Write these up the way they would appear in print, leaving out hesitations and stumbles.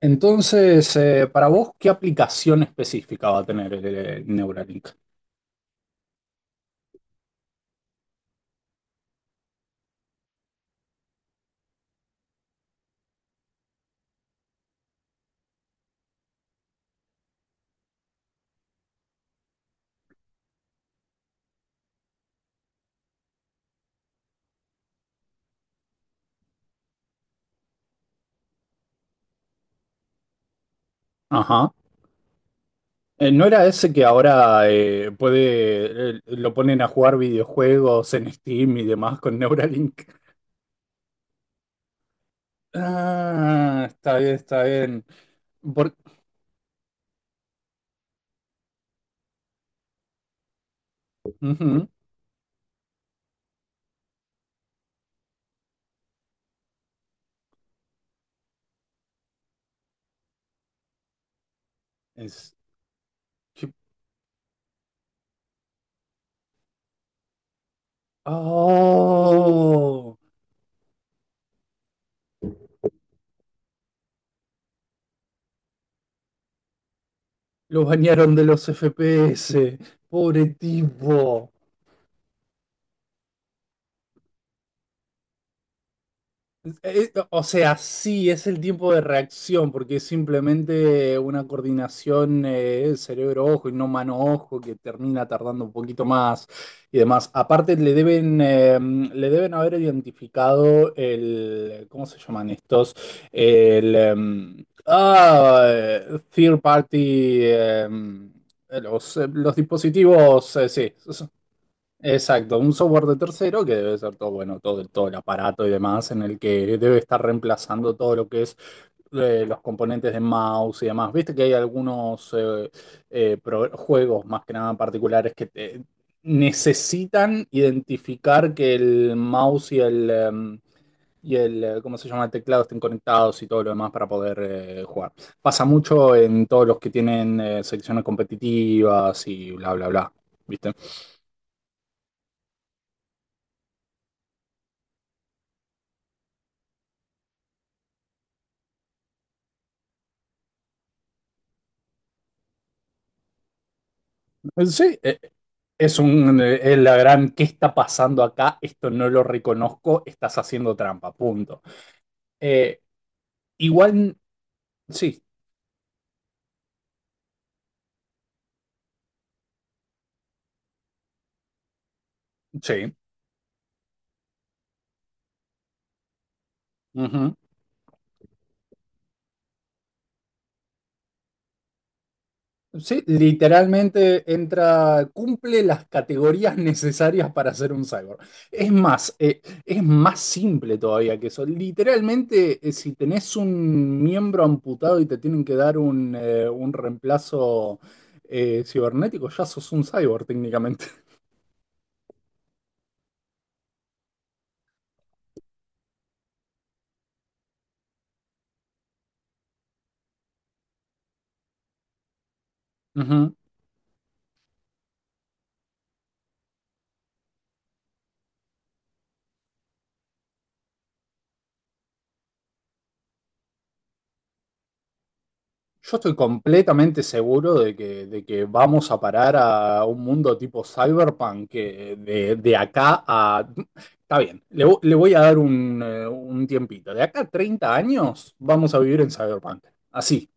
Entonces, para vos, ¿qué aplicación específica va a tener el Neuralink? Ajá. ¿No era ese que ahora puede, lo ponen a jugar videojuegos en Steam y demás con Neuralink? Ah, está bien, está bien. Por- Ujú. Es- que- ¡Oh! Lo bañaron de los FPS. Pobre tipo. O sea, sí, es el tiempo de reacción, porque es simplemente una coordinación cerebro-ojo y no mano-ojo que termina tardando un poquito más y demás. Aparte, le deben haber identificado el, ¿cómo se llaman estos? Third party, los, los dispositivos, sí, exacto, un software de tercero que debe ser todo, bueno, todo, todo el aparato y demás en el que debe estar reemplazando todo lo que es los componentes de mouse y demás. Viste que hay algunos juegos más que nada particulares necesitan identificar que el mouse y el, ¿cómo se llama? El teclado estén conectados y todo lo demás para poder jugar. Pasa mucho en todos los que tienen secciones competitivas y bla, bla, bla. ¿Viste? Sí, es un, es la gran, ¿qué está pasando acá? Esto no lo reconozco, estás haciendo trampa, punto. Eh, Igual, sí, sí. Ujú. Sí, literalmente entra, cumple las categorías necesarias para ser un cyborg. Es más simple todavía que eso. Literalmente, si tenés un miembro amputado y te tienen que dar un reemplazo cibernético, ya sos un cyborg técnicamente. Yo estoy completamente seguro de que vamos a parar a un mundo tipo cyberpunk que de acá a... Está bien, le voy a dar un tiempito. De acá a 30 años vamos a vivir en cyberpunk. Así.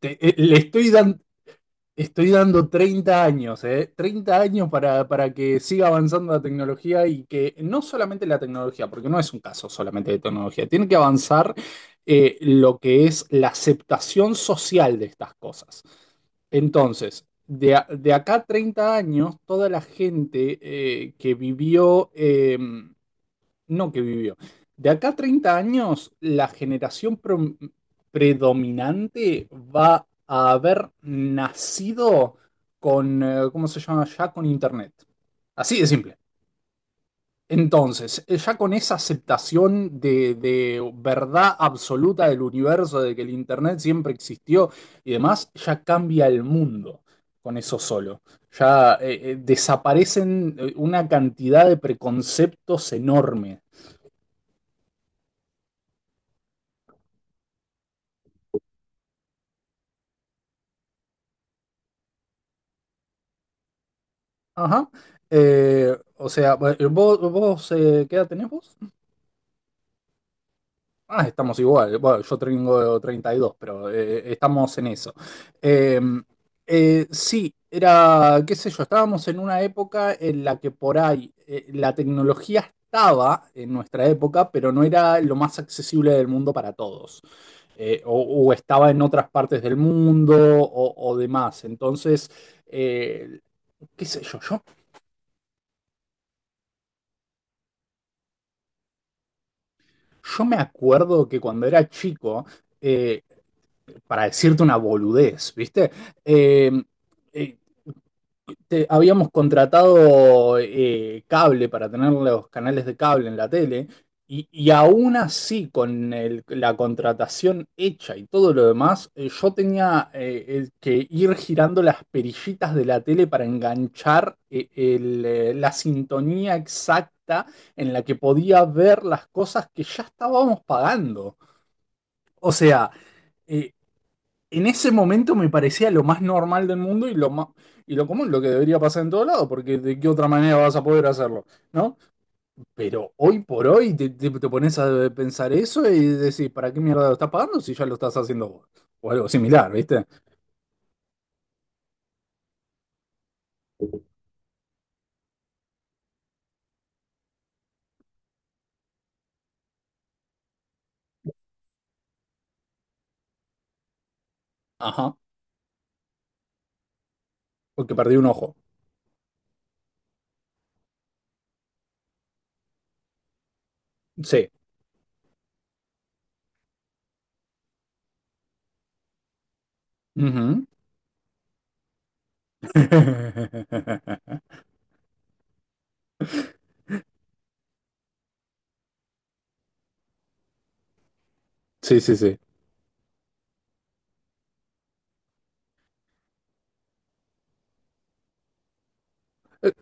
Te- eh, le estoy dan- Estoy dando 30 años, ¿eh? 30 años para que siga avanzando la tecnología y que no solamente la tecnología, porque no es un caso solamente de tecnología, tiene que avanzar lo que es la aceptación social de estas cosas. Entonces, de acá a 30 años, toda la gente que vivió... no que vivió. De acá a 30 años, predominante va a haber nacido ¿cómo se llama? Ya con Internet. Así de simple. Entonces, ya con esa aceptación de verdad absoluta del universo, de que el Internet siempre existió y demás, ya cambia el mundo con eso solo. Ya Desaparecen una cantidad de preconceptos enormes. Ajá. O sea, vos ¿qué edad tenés vos? Ah, estamos igual. Bueno, yo tengo 32, pero estamos en eso. Eh, sí, era, qué sé yo, estábamos en una época en la que por ahí la tecnología estaba en nuestra época, pero no era lo más accesible del mundo para todos. Eh, o, o estaba en otras partes del mundo o demás. Entonces... eh, qué sé yo, yo... Yo me acuerdo que cuando era chico, eh, para decirte una boludez, ¿viste? Eh, eh, Habíamos contratado cable para tener los canales de cable en la tele y aún así con la contratación hecha y todo lo demás, yo tenía que ir girando las perillitas de la tele para enganchar la sintonía exacta en la que podía ver las cosas que ya estábamos pagando. O sea, eh, en ese momento me parecía lo más normal del mundo y lo más, y lo común, lo que debería pasar en todo lado, porque de qué otra manera vas a poder hacerlo, ¿no? Pero hoy por hoy te pones a pensar eso y decís, ¿para qué mierda lo estás pagando si ya lo estás haciendo vos? O algo similar, ¿viste? Ajá, porque perdí un ojo. Sí. Ujú. Sí, sí, sí. Eh,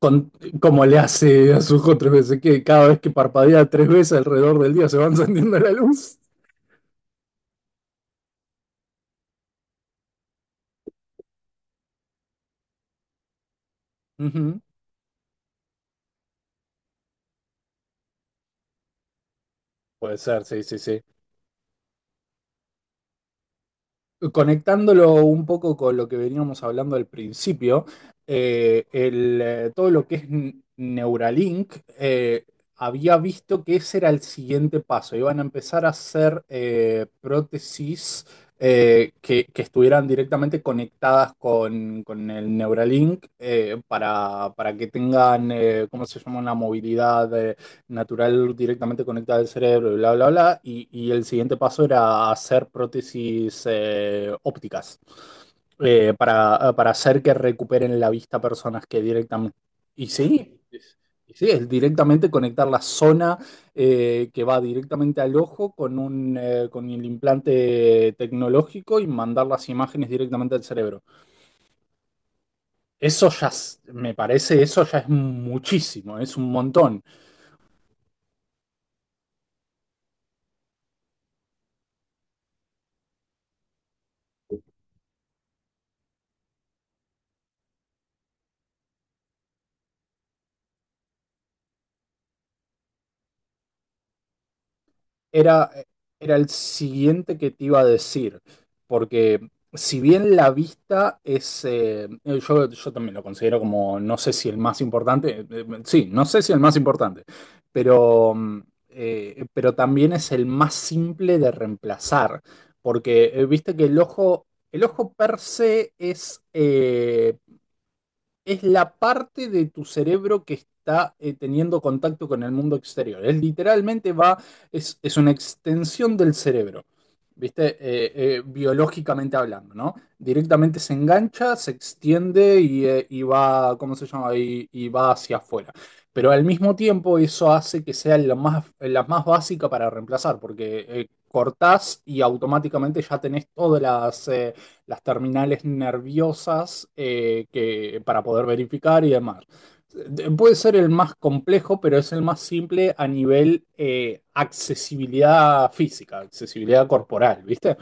Con, como le hace a su ojo tres veces, que cada vez que parpadea tres veces alrededor del día se va encendiendo la luz. Puede ser, sí, sí, sí. Conectándolo un poco con lo que veníamos hablando al principio, todo lo que es Neuralink, eh, había visto que ese era el siguiente paso. Iban a empezar a hacer prótesis que estuvieran directamente conectadas con el Neuralink para que tengan, ¿cómo se llama?, una movilidad natural directamente conectada al cerebro y bla, bla, bla. Y el siguiente paso era hacer prótesis ópticas para hacer que recuperen la vista personas que directamente... Y sí, es, y sí, es directamente conectar la zona que va directamente al ojo con, con el implante tecnológico y mandar las imágenes directamente al cerebro. Eso ya, me parece, eso ya es muchísimo, es un montón. Era, era el siguiente que te iba a decir, porque si bien la vista es, yo, yo también lo considero como, no sé si el más importante, sí, no sé si el más importante, pero, mm, pero también es el más simple de reemplazar, porque viste que el ojo per se es la parte de tu cerebro que está teniendo contacto con el mundo exterior. Es literalmente va, es una extensión del cerebro, ¿viste? Biológicamente hablando, ¿no? Directamente se engancha, se extiende y va, ¿cómo se llama? Y va hacia afuera. Pero al mismo tiempo eso hace que sea la más básica para reemplazar, porque cortás y automáticamente ya tenés todas las terminales nerviosas para poder verificar y demás. Puede ser el más complejo, pero es el más simple a nivel accesibilidad física, accesibilidad corporal, ¿viste?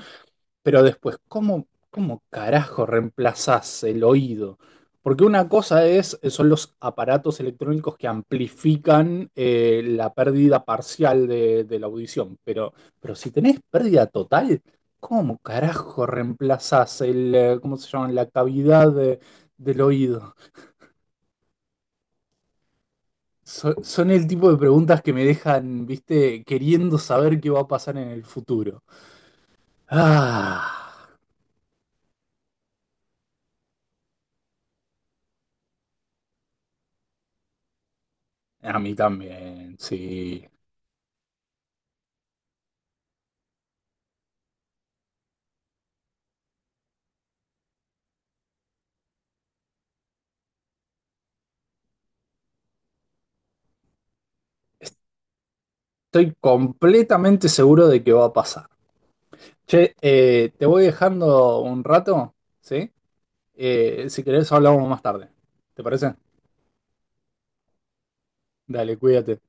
Pero después, ¿cómo, cómo carajo reemplazás el oído? Porque una cosa es, son los aparatos electrónicos que amplifican la pérdida parcial de la audición, pero si tenés pérdida total, ¿cómo carajo reemplazás ¿cómo se llama? Del oído. Son el tipo de preguntas que me dejan, viste, queriendo saber qué va a pasar en el futuro. Ah, a mí también, sí. Estoy completamente seguro de que va a pasar. Che, te voy dejando un rato, ¿sí? Si querés hablamos más tarde. ¿Te parece? Dale, cuídate.